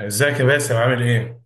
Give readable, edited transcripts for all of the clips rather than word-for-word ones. ازيك يا باسم عامل ايه؟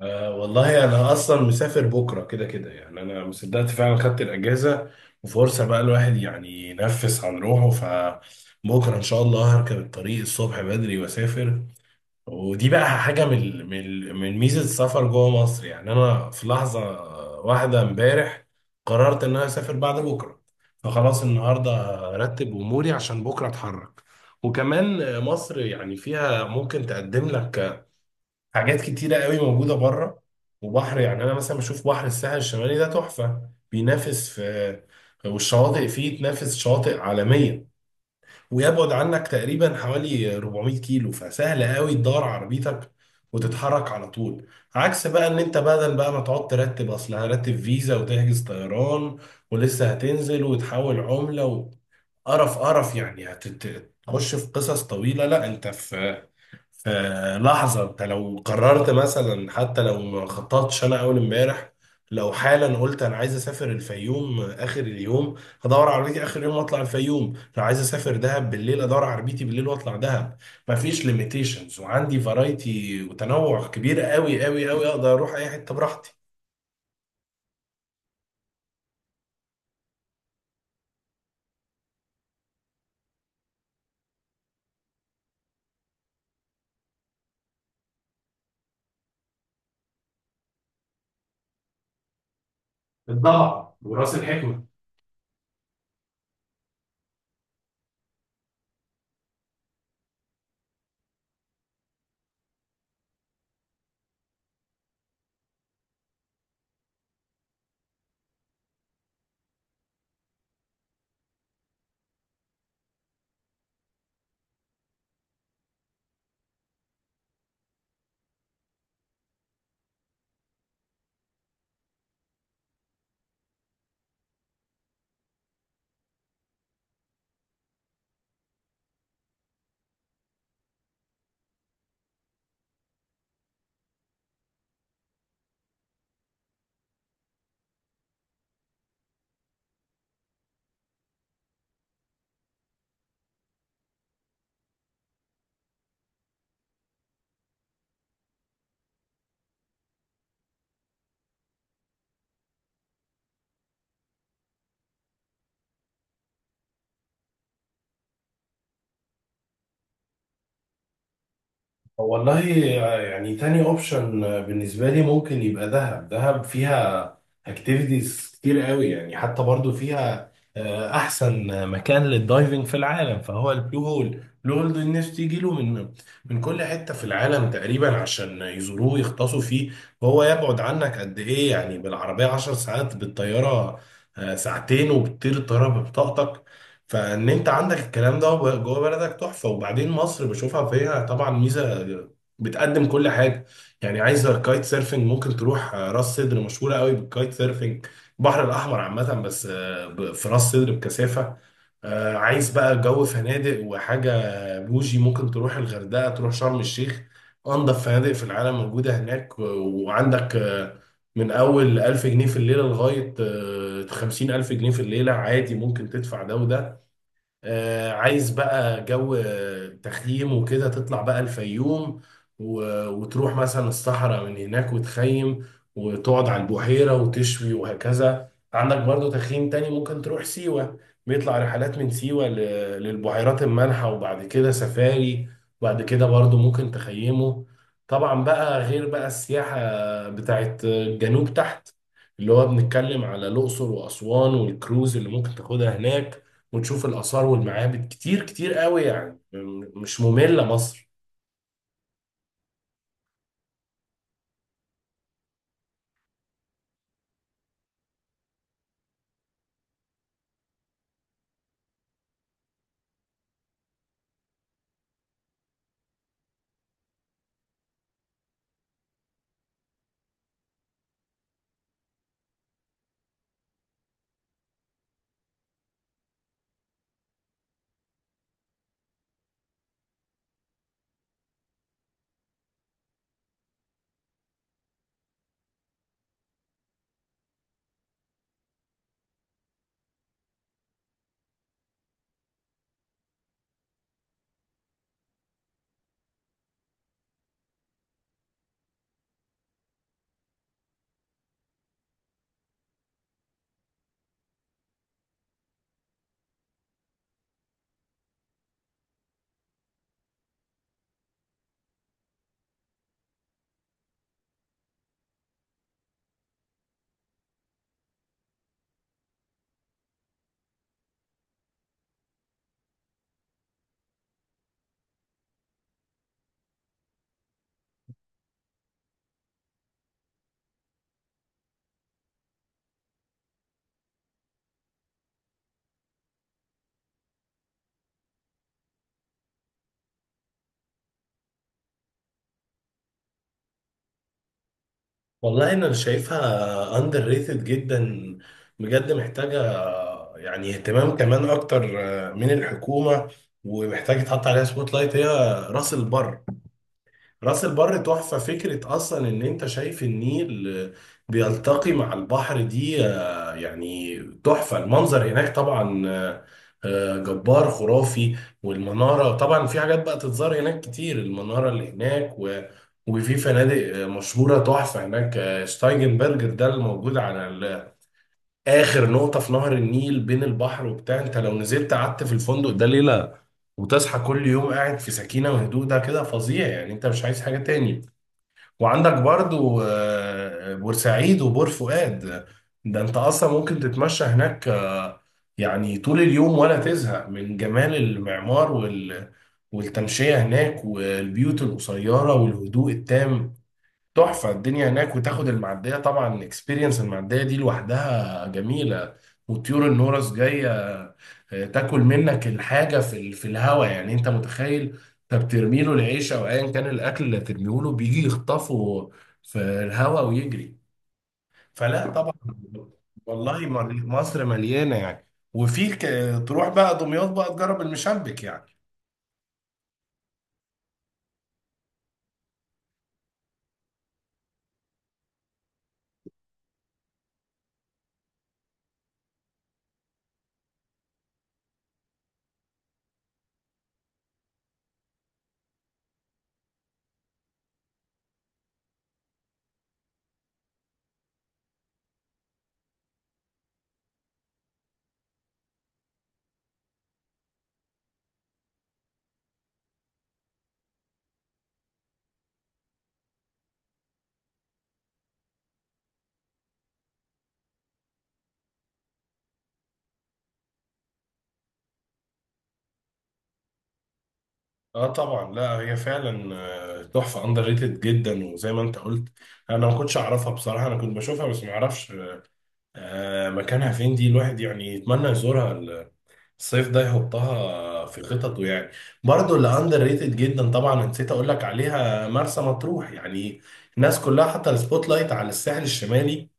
والله انا اصلا مسافر بكره كده كده انا مصدقت فعلا خدت الاجازه. وفرصه بقى الواحد يعني ينفس عن روحه، فبكره ان شاء الله هركب الطريق الصبح بدري واسافر. ودي بقى حاجه من ميزه السفر جوه مصر، يعني انا في لحظه واحده امبارح قررت ان انا اسافر بعد بكره، فخلاص النهارده هرتب اموري عشان بكره اتحرك. وكمان مصر يعني فيها ممكن تقدم لك حاجات كتيرة قوي موجودة بره، وبحر. يعني أنا مثلا بشوف بحر الساحل الشمالي ده تحفة، بينافس في والشواطئ فيه تنافس شواطئ عالمية، ويبعد عنك تقريبا حوالي 400 كيلو، فسهل قوي تدور عربيتك وتتحرك على طول. عكس بقى ان انت بدل بقى ما تقعد ترتب، اصل هرتب فيزا وتحجز طيران ولسه هتنزل وتحول عملة قرف قرف، يعني هتخش في قصص طويلة. لا انت في لحظة انت لو قررت مثلا حتى لو ما خططتش. انا اول امبارح لو حالا قلت انا عايز اسافر الفيوم اخر اليوم، هدور على عربيتي اخر اليوم واطلع الفيوم. لو عايز اسافر دهب بالليل ادور على عربيتي بالليل واطلع دهب. مفيش ليميتيشنز وعندي فرايتي وتنوع كبير قوي قوي قوي، اقدر اروح اي حتة براحتي. الضبع وراس الحكمة. والله يعني تاني اوبشن بالنسبة لي ممكن يبقى دهب. دهب فيها اكتيفيتيز كتير قوي، يعني حتى برضو فيها، احسن مكان للدايفنج في العالم فهو البلو هول. البلو هول ده الناس تيجي له من كل حتة في العالم تقريبا عشان يزوروه ويغطسوا فيه. وهو يبعد عنك قد ايه؟ يعني بالعربية 10 ساعات، بالطيارة ساعتين وبتطير الطيارة ببطاقتك. فان انت عندك الكلام ده جوه بلدك، تحفه. وبعدين مصر بشوفها فيها طبعا ميزه، بتقدم كل حاجه. يعني عايز كايت سيرفنج ممكن تروح راس سدر، مشهوره قوي بالكايت سيرفنج. البحر الاحمر عامه بس في راس سدر بكثافه. عايز بقى جو فنادق وحاجه بوجي، ممكن تروح الغردقه تروح شرم الشيخ. انضف فنادق في العالم موجوده هناك، وعندك من اول 1000 جنيه في الليله لغايه 50,000 جنيه في الليله، عادي ممكن تدفع ده وده. عايز بقى جو تخييم وكده، تطلع بقى الفيوم وتروح مثلا الصحراء من هناك وتخيم وتقعد على البحيرة وتشوي، وهكذا. عندك برضو تخييم تاني ممكن تروح سيوة، بيطلع رحلات من سيوة للبحيرات المالحة وبعد كده سفاري، وبعد كده برضو ممكن تخيمه. طبعا بقى غير بقى السياحة بتاعت الجنوب تحت، اللي هو بنتكلم على الأقصر وأسوان والكروز اللي ممكن تاخدها هناك وتشوف الآثار والمعابد. كتير كتير قوي، يعني مش مملة مصر. والله أنا شايفها أندر ريتد جدا، بجد محتاجة يعني اهتمام كمان أكتر من الحكومة، ومحتاج يتحط عليها سبوت لايت. هي راس البر. راس البر تحفة، فكرة أصلا إن أنت شايف النيل بيلتقي مع البحر دي، يعني تحفة. المنظر هناك طبعا جبار خرافي. والمنارة طبعا، في حاجات بقى تتزار هناك كتير، المنارة اللي هناك. و وفي فنادق مشهورة تحفة هناك، شتايجنبرجر ده الموجود على آخر نقطة في نهر النيل بين البحر وبتاع. أنت لو نزلت قعدت في الفندق ده ليلة وتصحى كل يوم قاعد في سكينة وهدوء، ده كده فظيع، يعني انت مش عايز حاجة تاني. وعندك برضو بورسعيد وبور فؤاد، ده انت اصلا ممكن تتمشى هناك يعني طول اليوم ولا تزهق من جمال المعمار والتمشية هناك والبيوت القصيرة والهدوء التام. تحفة الدنيا هناك. وتاخد المعدية، طبعا الاكسبيرينس المعدية دي لوحدها جميلة، وطيور النورس جاية تاكل منك الحاجة في في الهوا. يعني انت متخيل؟ انت بترمي له العيش او ايا كان الاكل اللي هترميه له، بيجي يخطفه في الهوا ويجري. فلا طبعا. والله مصر مليانة، يعني وفي تروح بقى دمياط بقى تجرب المشبك يعني. اه طبعا، لا هي فعلا تحفه اندر ريتد جدا. وزي ما انت قلت انا ما كنتش اعرفها بصراحه، انا كنت بشوفها بس ما اعرفش مكانها فين. دي الواحد يعني يتمنى يزورها الصيف ده، يحطها في خططه يعني. برضو اللي اندر ريتد جدا طبعا نسيت اقول لك عليها، مرسى مطروح. يعني الناس كلها حاطه السبوت لايت على الساحل الشمالي،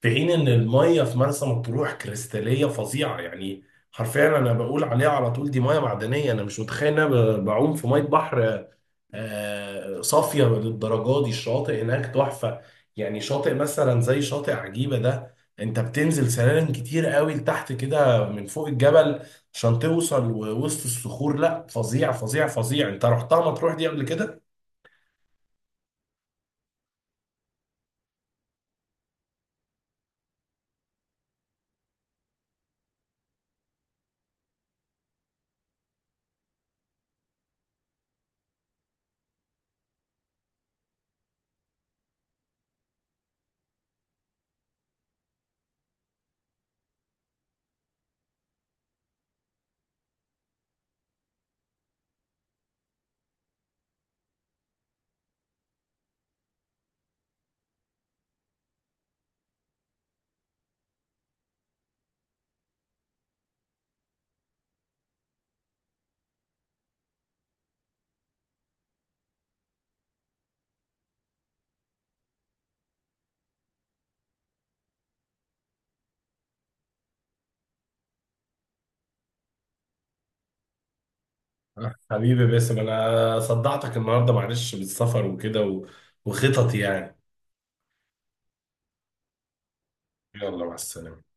في حين ان الميه في مرسى مطروح كريستاليه فظيعه، يعني حرفيا انا بقول عليها على طول دي ميه معدنيه. انا مش متخيل إن انا بعوم في ميه بحر صافية للدرجة دي. الشاطئ هناك تحفة، يعني شاطئ مثلا زي شاطئ عجيبة ده انت بتنزل سلالم كتير قوي لتحت كده من فوق الجبل عشان توصل ووسط الصخور. لا فظيع فظيع فظيع. انت رحتها مطروح دي قبل كده؟ حبيبي باسم انا صدعتك النهارده، معلش بالسفر وكده وخططي يعني. يلا مع السلامة.